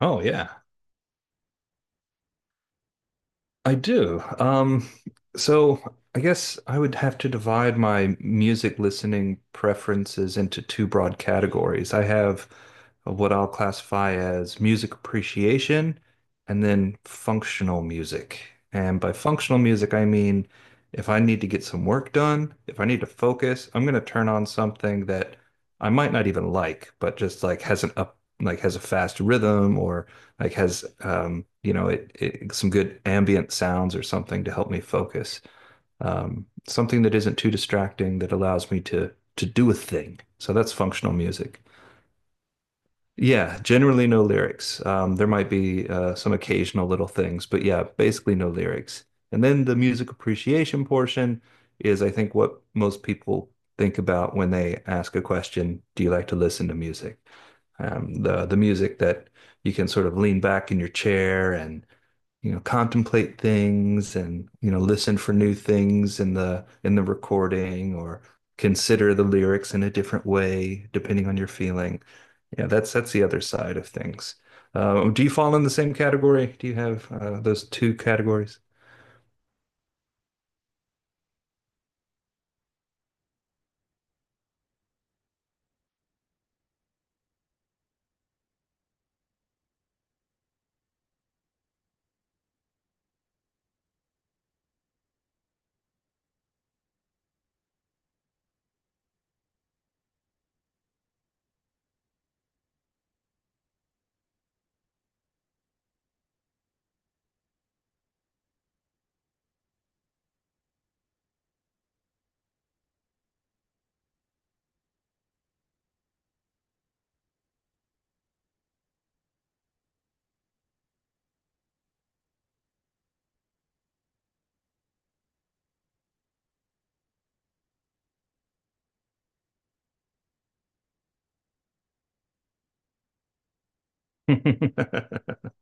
Oh yeah, I do. So I guess I would have to divide my music listening preferences into two broad categories. I have what I'll classify as music appreciation, and then functional music. And by functional music, I mean if I need to get some work done, if I need to focus, I'm going to turn on something that I might not even like, but just like has an like has a fast rhythm, or like has you know it, it some good ambient sounds or something to help me focus. Something that isn't too distracting that allows me to do a thing. So that's functional music. Yeah, generally no lyrics. There might be some occasional little things, but yeah, basically no lyrics. And then the music appreciation portion is, I think, what most people think about when they ask a question, do you like to listen to music? The music that you can sort of lean back in your chair and you know, contemplate things, and you know, listen for new things in the recording, or consider the lyrics in a different way depending on your feeling. Yeah, that's the other side of things. Do you fall in the same category? Do you have those two categories?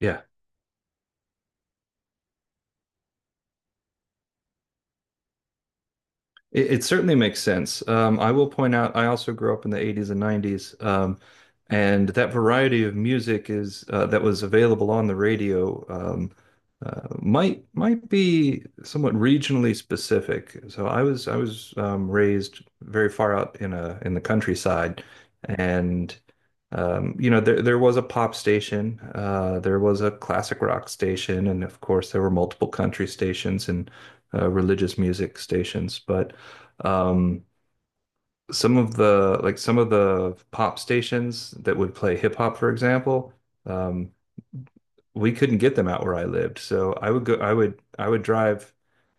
Yeah. It certainly makes sense. I will point out, I also grew up in the 80s and 90s, and that variety of music is that was available on the radio might be somewhat regionally specific. So I was raised very far out in a in the countryside, and you know, there was a pop station, there was a classic rock station, and of course there were multiple country stations and religious music stations. But um, some of the pop stations that would play hip hop, for example, um, we couldn't get them out where I lived. So I would go, I would drive,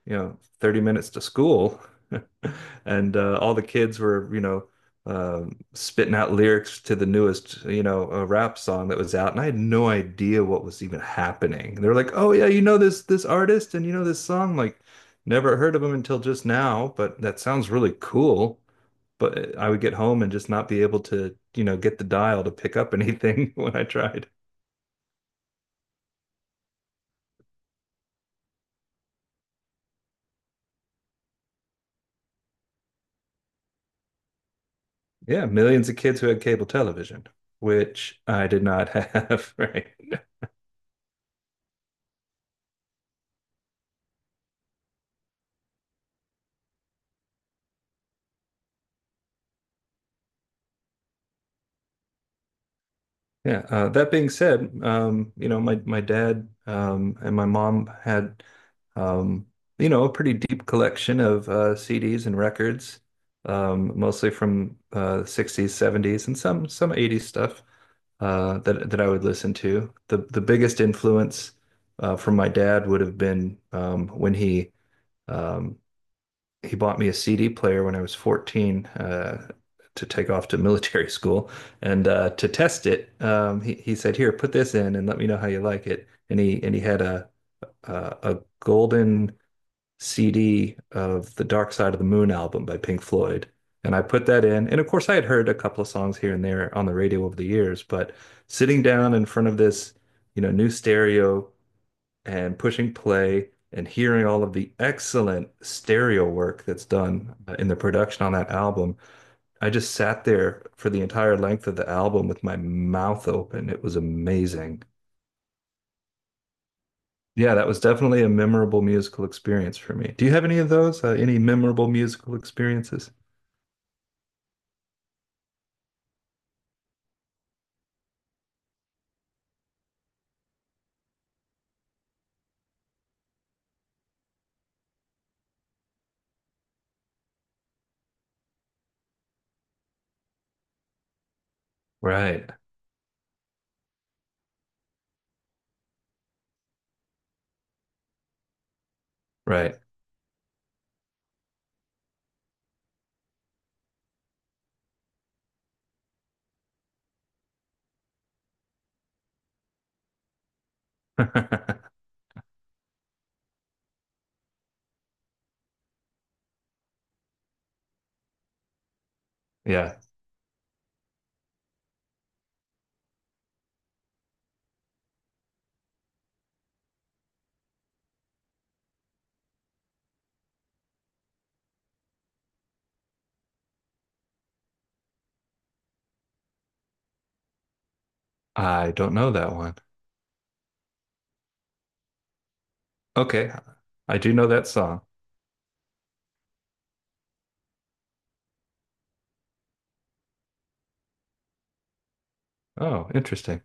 you know, 30 minutes to school, and all the kids were, you know, uh, spitting out lyrics to the newest, you know, rap song that was out, and I had no idea what was even happening. They're like, "Oh yeah, you know this artist, and you know this song." I'm like, never heard of him until just now, but that sounds really cool. But I would get home and just not be able to, you know, get the dial to pick up anything when I tried. Yeah, millions of kids who had cable television, which I did not have, right? Yeah. That being said, you know, my dad and my mom had, um, you know, a pretty deep collection of CDs and records, mostly from 60s, 70s, and some 80s stuff, that I would listen to. The biggest influence from my dad would have been when um, he bought me a CD player when I was 14, to take off to military school, and to test it. He said, "Here, put this in and let me know how you like it." And he had a, a golden CD of the Dark Side of the Moon album by Pink Floyd. And I put that in. And of course, I had heard a couple of songs here and there on the radio over the years, but sitting down in front of this, you know, new stereo and pushing play and hearing all of the excellent stereo work that's done in the production on that album, I just sat there for the entire length of the album with my mouth open. It was amazing. Yeah, that was definitely a memorable musical experience for me. Do you have any of those? Any memorable musical experiences? Right, right. Yeah, I don't know that one. Okay, I do know that song. Oh, interesting.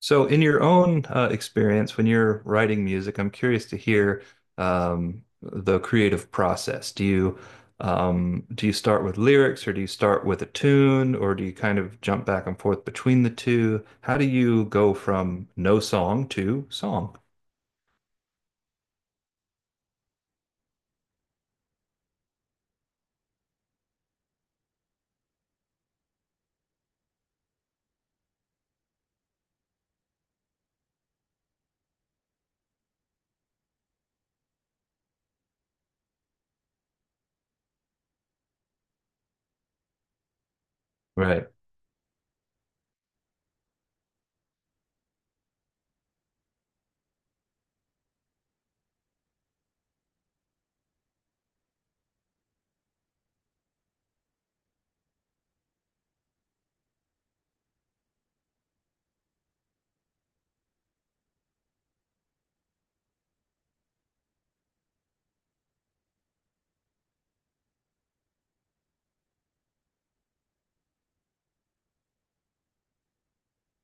So, in your own experience, when you're writing music, I'm curious to hear the creative process. Do you start with lyrics, or do you start with a tune, or do you kind of jump back and forth between the two? How do you go from no song to song? Right,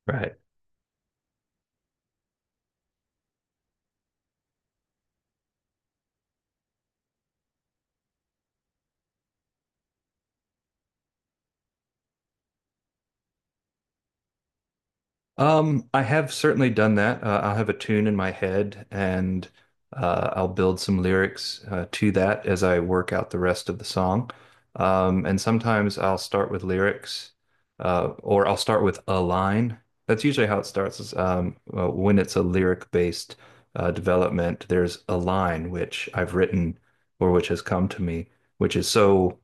right. I have certainly done that. I'll have a tune in my head, and I'll build some lyrics to that as I work out the rest of the song. And sometimes I'll start with lyrics, or I'll start with a line. That's usually how it starts is, when it's a lyric-based development, there's a line which I've written or which has come to me, which is so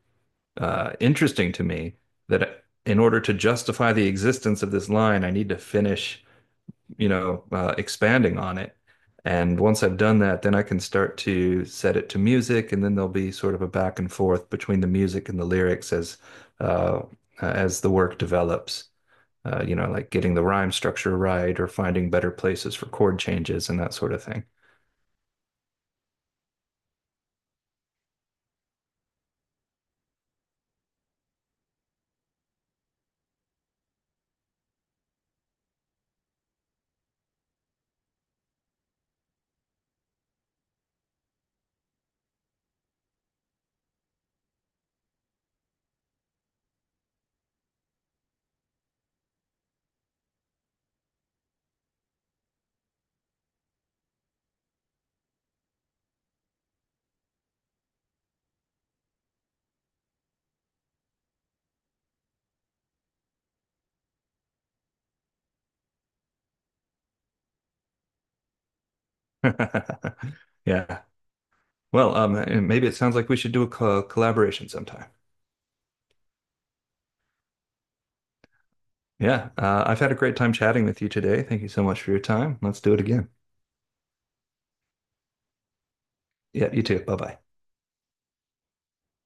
interesting to me that in order to justify the existence of this line, I need to finish, you know, expanding on it. And once I've done that, then I can start to set it to music, and then there'll be sort of a back and forth between the music and the lyrics uh, as the work develops, you know, like getting the rhyme structure right or finding better places for chord changes and that sort of thing. Yeah. Well, and maybe it sounds like we should do a co collaboration sometime. Yeah. I've had a great time chatting with you today. Thank you so much for your time. Let's do it again. Yeah, you too. Bye bye.